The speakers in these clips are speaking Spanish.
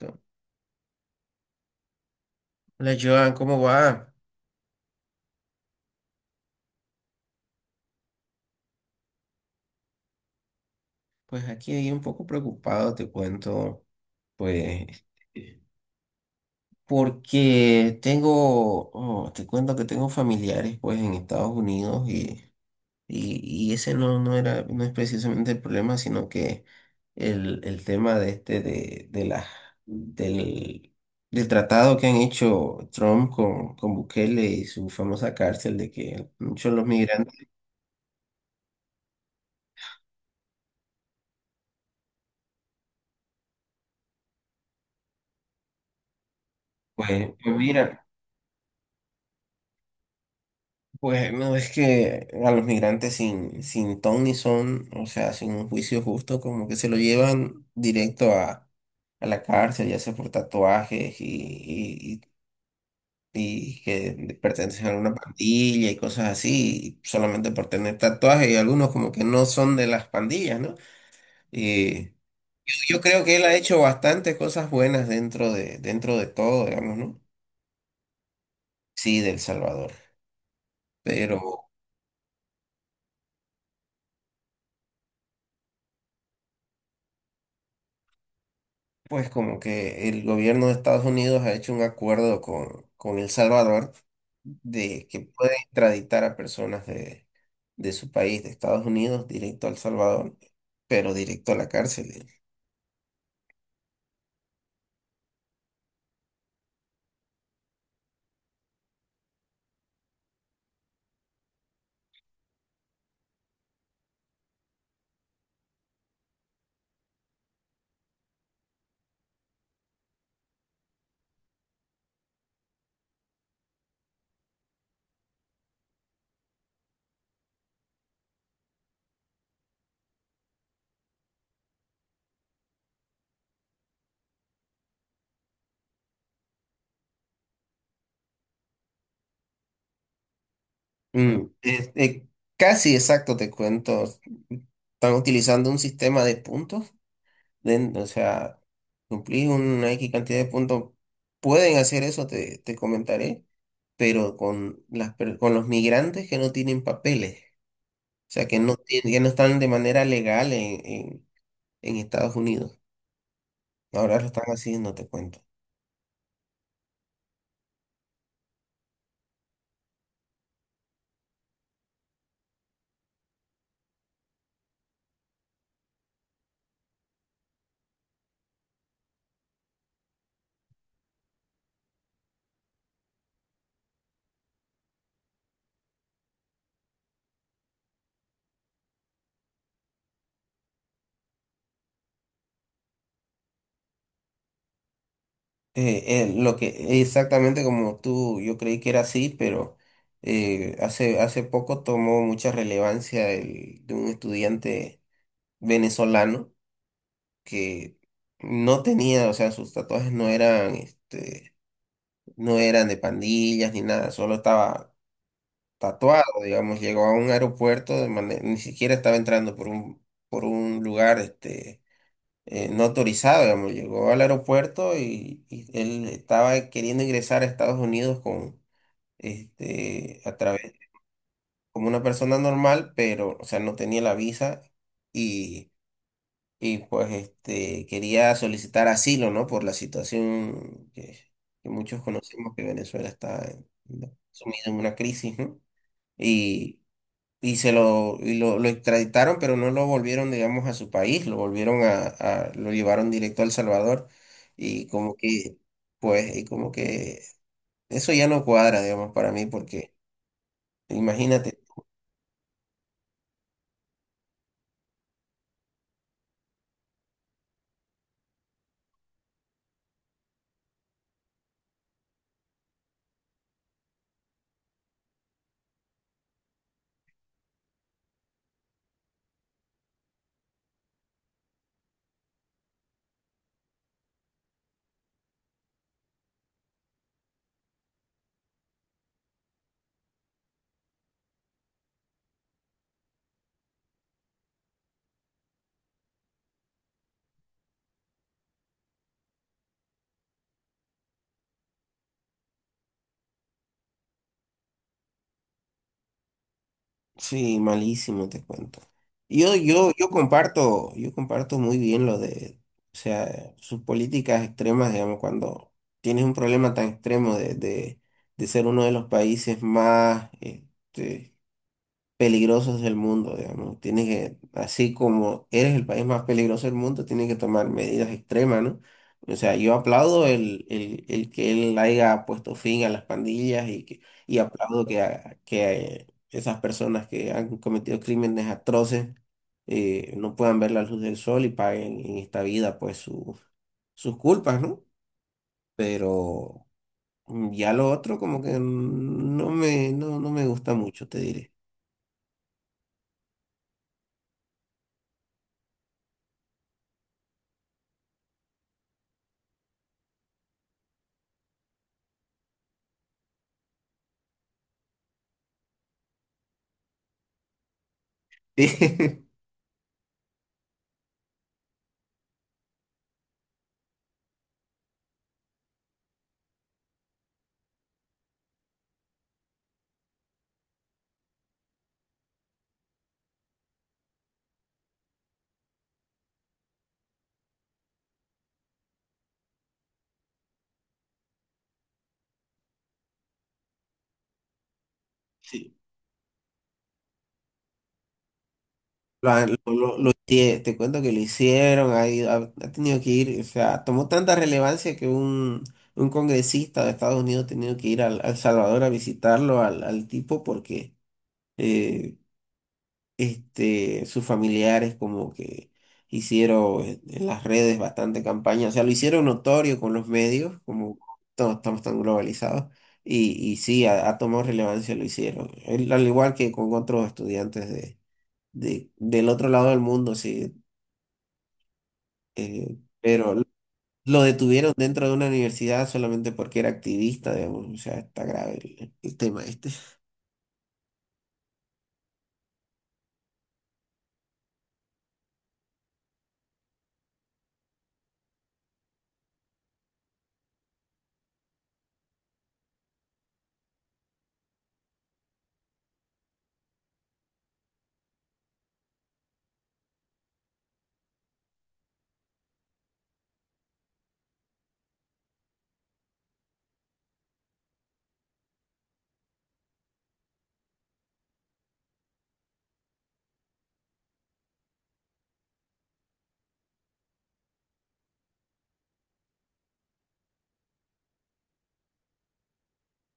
Hola Joan, ¿cómo va? Pues aquí un poco preocupado, te cuento, pues, porque tengo, te cuento que tengo familiares, pues, en Estados Unidos y, y ese no era, no es precisamente el problema, sino que el tema de del, del tratado que han hecho Trump con Bukele y su famosa cárcel de que muchos de los migrantes, pues, pues mira. Pues no es que a los migrantes sin ton ni son, o sea, sin un juicio justo, como que se lo llevan directo a la cárcel, ya sea por tatuajes y que pertenecen a una pandilla y cosas así, solamente por tener tatuajes y algunos como que no son de las pandillas, ¿no? Y yo creo que él ha hecho bastantes cosas buenas dentro de todo, digamos, ¿no? Sí, de El Salvador. Pero pues como que el gobierno de Estados Unidos ha hecho un acuerdo con El Salvador de que puede extraditar a de su país, de Estados Unidos, directo a El Salvador, pero directo a la cárcel. Mm, es- eh, Casi exacto, te cuento. Están utilizando un sistema de puntos, o sea, cumplís una X cantidad de puntos. Pueden hacer eso, te comentaré, pero con los migrantes que no tienen papeles. Sea, que no, que no están de manera legal en Estados Unidos. Ahora lo están haciendo, te cuento. Lo que exactamente como tú, yo creí que era así, pero hace poco tomó mucha relevancia el, de un estudiante venezolano que no tenía, o sea, sus tatuajes no eran, este, no eran de pandillas ni nada, solo estaba tatuado, digamos, llegó a un aeropuerto de manera, ni siquiera estaba entrando por por un lugar este, no autorizado, digamos, llegó al aeropuerto y él estaba queriendo ingresar a Estados Unidos con, este, a través, como una persona normal, pero, o sea, no tenía la visa y, y pues, este, quería solicitar asilo, ¿no? Por la situación que muchos conocemos, que Venezuela sumida en una crisis, ¿no? Y, y se lo, y lo, lo extraditaron, pero no lo volvieron, digamos, a su país, lo volvieron lo llevaron directo a El Salvador y como que, pues, y como que eso ya no cuadra, digamos, para mí, porque imagínate, sí, malísimo, te cuento. Yo comparto muy bien lo de, o sea, sus políticas extremas, digamos, cuando tienes un problema tan extremo de ser uno de los países más, este, peligrosos del mundo, digamos. Tiene que, así como eres el país más peligroso del mundo, tiene que tomar medidas extremas, ¿no? O sea, yo aplaudo el que él haya puesto fin a las pandillas que, y aplaudo que, que esas personas que han cometido crímenes atroces no puedan ver la luz del sol y paguen en esta vida pues sus culpas, ¿no? Pero ya lo otro como que no me, no, no me gusta mucho, te diré. Sí. Te cuento que lo hicieron, ha tenido que ir, o sea, tomó tanta relevancia un congresista de Estados Unidos ha tenido que ir al Salvador a visitarlo al tipo porque eh, este, sus familiares como que hicieron en las redes bastante campaña, o sea, lo hicieron notorio con los medios, como todos estamos tan globalizados. Y sí, ha tomado relevancia, lo hicieron. Él, al igual que con otros estudiantes del otro lado del mundo, sí. Pero lo detuvieron dentro de una universidad solamente porque era activista, digamos. O sea, está grave el tema este.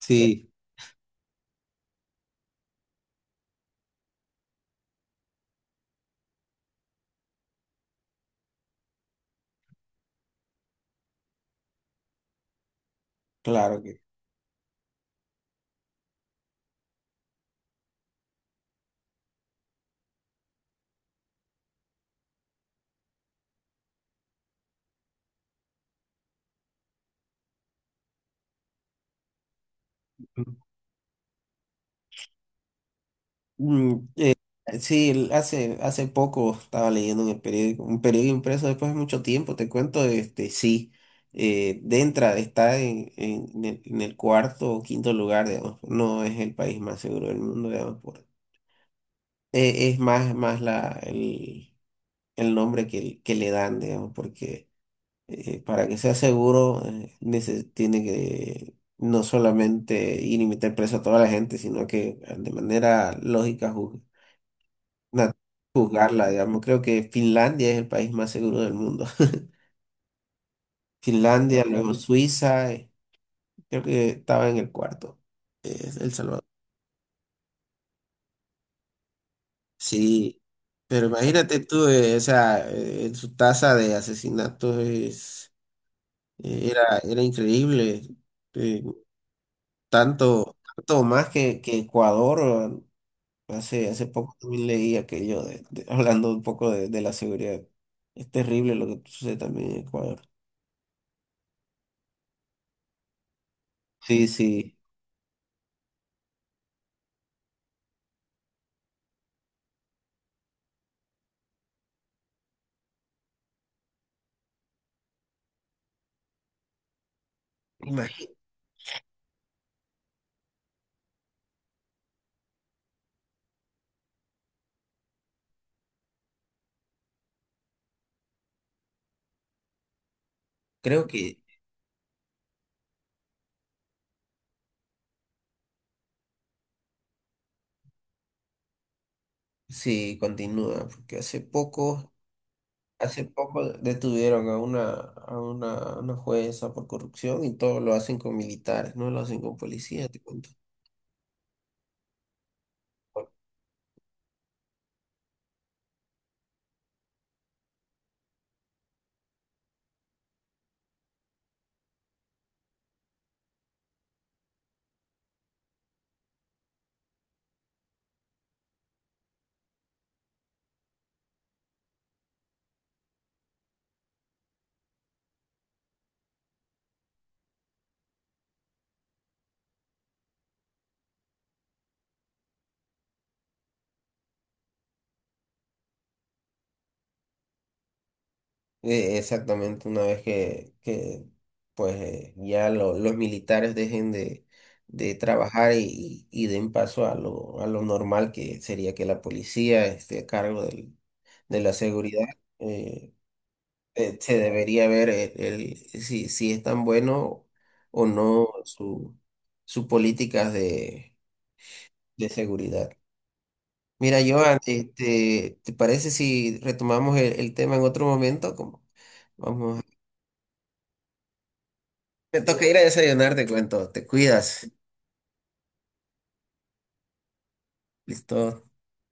Sí, claro que. Mm, sí, hace poco estaba leyendo en el periódico, un periódico impreso después de mucho tiempo, te cuento, este, sí, Dentra está en el cuarto o quinto lugar, digamos, no es el país más seguro del mundo, digamos, es más, el nombre que le dan, digamos, porque para que sea seguro, tiene que no solamente ir y meter preso a toda la gente, sino que, de manera lógica, na- juzgarla, digamos. Creo que Finlandia es el país más seguro del mundo. Finlandia, luego Suiza, creo que estaba en el cuarto, El Salvador. Sí. Pero imagínate tú, o sea, su tasa de asesinatos es, era increíble. eh, Tanto, tanto más que Ecuador, hace poco también leí aquello hablando un poco de la seguridad. Es terrible lo que sucede también en Ecuador. Sí, sí. Imagi- Creo que sí continúa, porque hace poco detuvieron a a una jueza por corrupción y todo lo hacen con militares, no lo hacen con policías, te cuento. Exactamente, una vez que pues, los militares dejen de trabajar y den paso a lo normal, que sería que la policía esté a cargo de la seguridad, eh, se debería ver si, si es tan bueno o no su políticas de seguridad. Mira, Joan, este, ¿te parece si retomamos el tema en otro momento? Como, vamos, te toca ir a desayunar, te cuento. Te cuidas. Listo.